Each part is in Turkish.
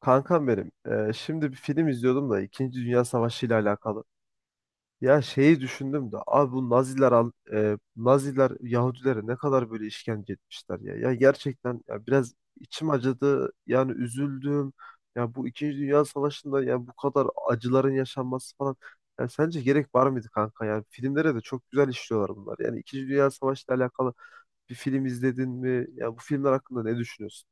Kankam benim, şimdi bir film izliyordum da İkinci Dünya Savaşı ile alakalı. Ya şeyi düşündüm de abi bu Naziler Naziler Yahudilere ne kadar böyle işkence etmişler ya. Ya gerçekten ya biraz içim acıdı. Yani üzüldüm. Ya bu İkinci Dünya Savaşı'nda ya bu kadar acıların yaşanması falan. Ya sence gerek var mıydı kanka? Yani filmlere de çok güzel işliyorlar bunlar. Yani İkinci Dünya Savaşı ile alakalı bir film izledin mi? Ya bu filmler hakkında ne düşünüyorsun?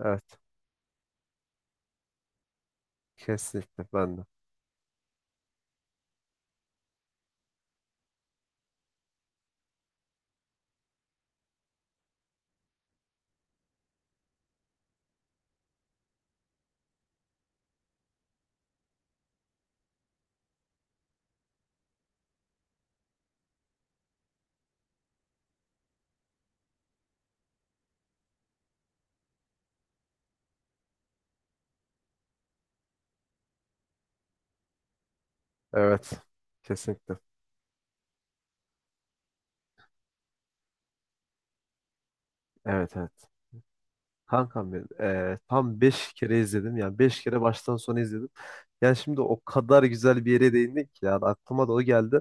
Evet, kesinlikle ben de. Evet. Kesinlikle. Evet, evet. Kankam benim. Tam 5 kere izledim. Yani 5 kere baştan sona izledim. Yani şimdi o kadar güzel bir yere değindik ki. Yani aklıma da o geldi.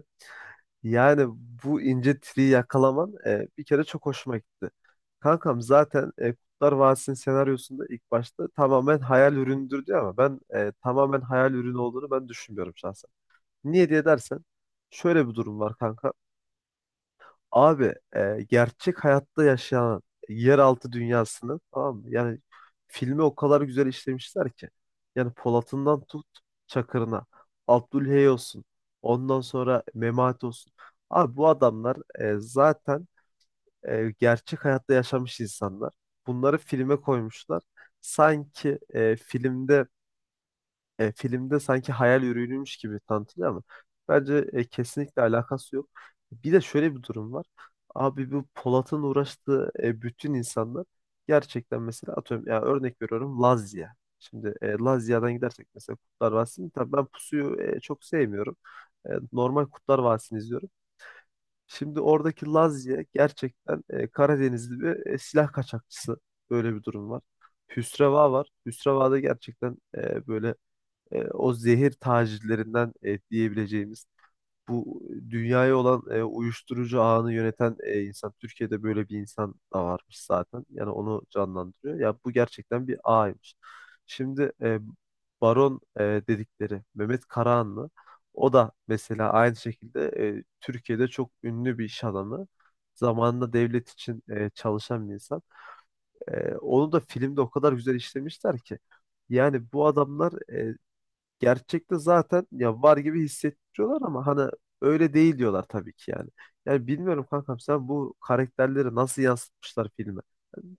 Yani bu ince triyi yakalaman bir kere çok hoşuma gitti. Kankam zaten Kurtlar Vadisi'nin senaryosunda ilk başta tamamen hayal ürünüdür diyor ama ben tamamen hayal ürünü olduğunu ben düşünmüyorum şahsen. Niye diye dersen şöyle bir durum var kanka. Abi gerçek hayatta yaşayan yeraltı dünyasını, tamam mı? Yani filmi o kadar güzel işlemişler ki. Yani Polat'ından tut Çakır'ına, Abdülhey olsun, ondan sonra Memati olsun. Abi bu adamlar zaten gerçek hayatta yaşamış insanlar. Bunları filme koymuşlar. Sanki filmde sanki hayal ürünüymüş gibi tanıtılıyor ama bence kesinlikle alakası yok. Bir de şöyle bir durum var. Abi bu Polat'ın uğraştığı bütün insanlar gerçekten, mesela atıyorum, ya örnek veriyorum, Lazya. Şimdi Lazya'dan gidersek mesela Kurtlar Vadisi'ni, tabii ben Pusu'yu çok sevmiyorum. Normal Kurtlar Vadisi'ni izliyorum. Şimdi oradaki Lazya gerçekten Karadenizli bir silah kaçakçısı. Böyle bir durum var. Hüsreva var. Hüsreva da gerçekten böyle o zehir tacirlerinden diyebileceğimiz bu dünyaya olan uyuşturucu ağını yöneten insan, Türkiye'de böyle bir insan da varmış zaten. Yani onu canlandırıyor. Ya bu gerçekten bir ağymış. Şimdi Baron dedikleri Mehmet Karahanlı, o da mesela aynı şekilde Türkiye'de çok ünlü bir iş adamı. Zamanında devlet için çalışan bir insan. Onu da filmde o kadar güzel işlemişler ki. Yani bu adamlar, gerçekte zaten ya var gibi hissettiriyorlar ama hani öyle değil diyorlar tabii ki, yani. Yani bilmiyorum kankam, sen bu karakterleri nasıl yansıtmışlar filme.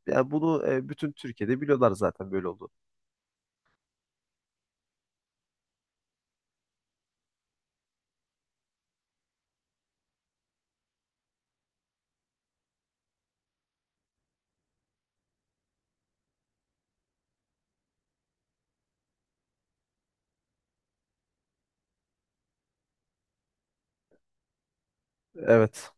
Yani bunu bütün Türkiye'de biliyorlar zaten, böyle oldu. Evet.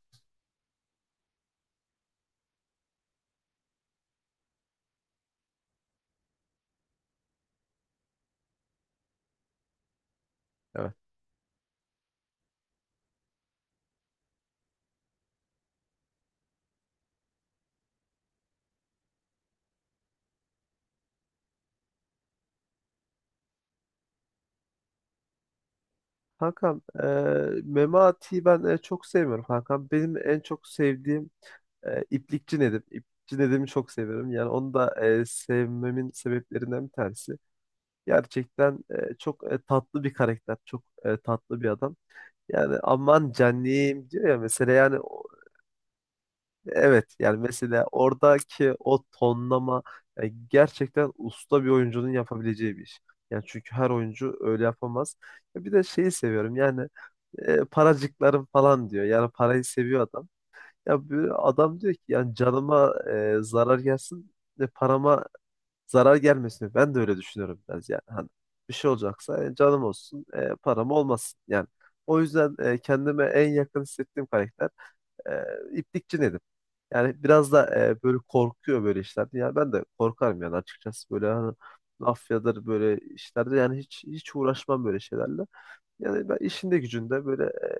Evet. Kankam, Memati'yi ben çok sevmiyorum kankam. Benim en çok sevdiğim İplikçi Nedim. İplikçi Nedim'i çok severim. Yani onu da sevmemin sebeplerinden bir tanesi. Gerçekten çok tatlı bir karakter. Çok tatlı bir adam. Yani "aman canım" diyor ya mesela, yani evet, yani mesela oradaki o tonlama yani gerçekten usta bir oyuncunun yapabileceği bir iş. Yani çünkü her oyuncu öyle yapamaz. Ya bir de şeyi seviyorum yani, "paracıklarım" falan diyor. Yani parayı seviyor adam. Ya böyle adam diyor ki, yani canıma zarar gelsin ve parama zarar gelmesin. Ben de öyle düşünüyorum biraz yani. Hani bir şey olacaksa canım olsun, param olmasın yani. O yüzden kendime en yakın hissettiğim karakter e, İplikçi Nedim. Yani biraz da böyle korkuyor böyle işlerde. Yani ben de korkarım yani, açıkçası böyle, hani mafyadır böyle işlerde, yani hiç hiç uğraşmam böyle şeylerle. Yani ben işinde gücünde böyle,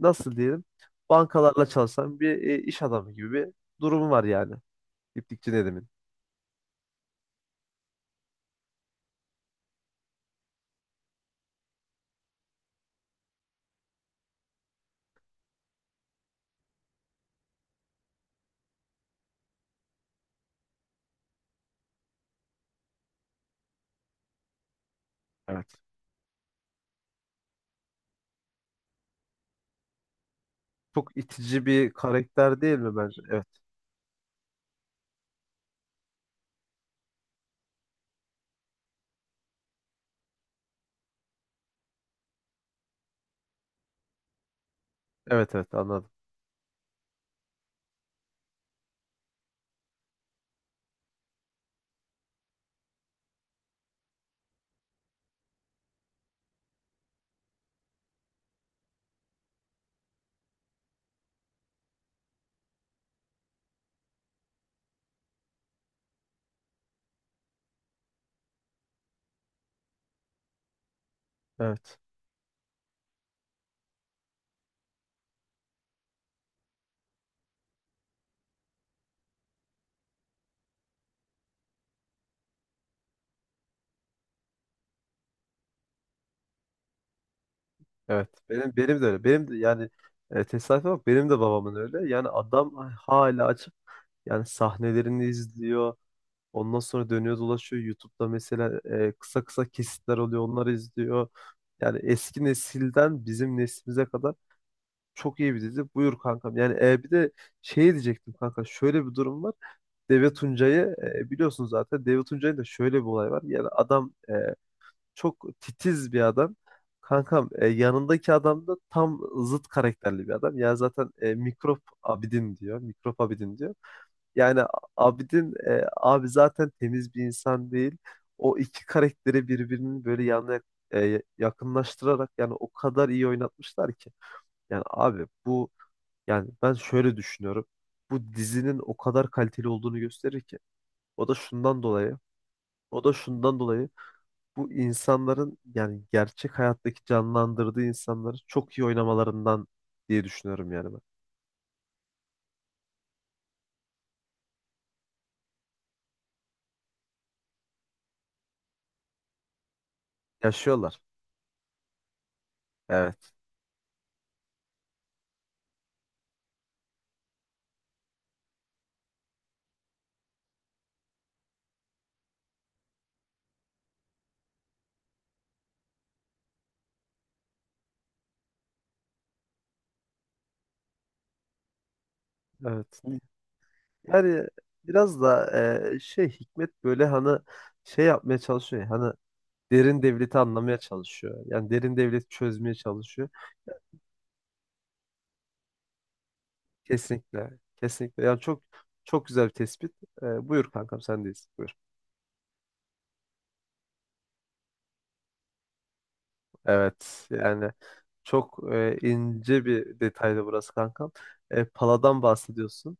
nasıl diyelim, bankalarla çalışan bir iş adamı gibi bir durumu var yani, İplikçi Nedim'in. Çok itici bir karakter değil mi bence? Evet. Evet, evet, anladım. Evet. Evet. Benim de öyle. Benim de yani, tesadüfe bak, benim de babamın öyle. Yani adam hala açıp yani sahnelerini izliyor. Ondan sonra dönüyor dolaşıyor. YouTube'da mesela kısa kısa kesitler oluyor. Onları izliyor. Yani eski nesilden bizim neslimize kadar çok iyi bir dizi. Buyur kankam. Yani bir de şey diyecektim kanka. Şöyle bir durum var. Deve Tuncay'ı biliyorsun zaten. Deve Tuncay'ın da şöyle bir olay var. Yani adam çok titiz bir adam. Kankam, yanındaki adam da tam zıt karakterli bir adam. Yani zaten Mikrop Abidin diyor. Mikrop Abidin diyor. Yani Abidin, abi zaten temiz bir insan değil. O iki karakteri birbirinin böyle yanına yakınlaştırarak yani o kadar iyi oynatmışlar ki. Yani abi bu, yani ben şöyle düşünüyorum. Bu dizinin o kadar kaliteli olduğunu gösterir ki. O da şundan dolayı. O da şundan dolayı. Bu insanların, yani gerçek hayattaki canlandırdığı insanları çok iyi oynamalarından diye düşünüyorum yani ben. Yaşıyorlar. Evet. Evet. Yani biraz da şey, Hikmet böyle hani şey yapmaya çalışıyor. Ya, hani derin devleti anlamaya çalışıyor. Yani derin devleti çözmeye çalışıyor. Kesinlikle. Kesinlikle. Yani çok çok güzel bir tespit. Buyur kankam, sendeyiz. Buyur. Evet. Yani çok ince bir detaydı burası kankam. Pala'dan bahsediyorsun.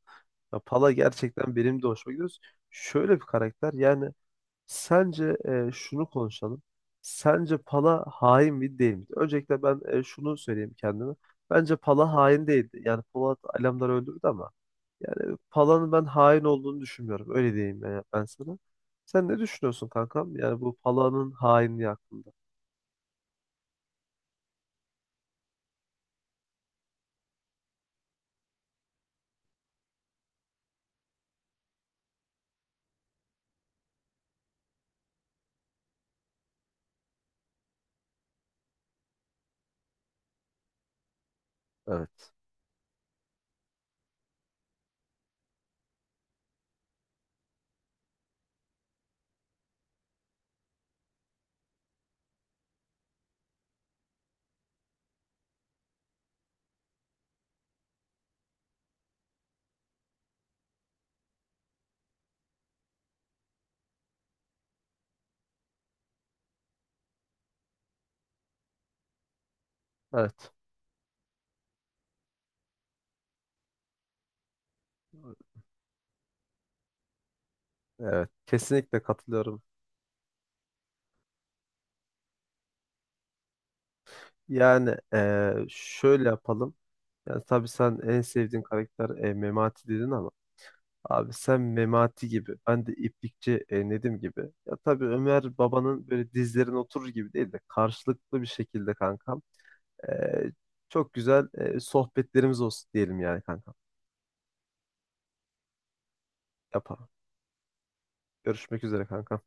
Ya, Pala gerçekten benim de hoşuma gidiyor. Şöyle bir karakter. Yani sence şunu konuşalım. Sence Pala hain mi değil mi? Öncelikle ben şunu söyleyeyim kendime. Bence Pala hain değildi. Yani Polat Alemdar'ı öldürdü ama yani Pala'nın ben hain olduğunu düşünmüyorum. Öyle diyeyim ben, sana. Sen ne düşünüyorsun kankam? Yani bu Pala'nın hainliği hakkında. Evet. Evet. Evet. Kesinlikle katılıyorum. Yani şöyle yapalım. Yani tabii sen en sevdiğin karakter Memati dedin ama abi, sen Memati gibi, ben de İplikçi Nedim gibi. Ya tabii Ömer babanın böyle dizlerine oturur gibi değil de karşılıklı bir şekilde kankam. eee, çok güzel sohbetlerimiz olsun diyelim yani kankam. Yapalım. Görüşmek üzere kanka.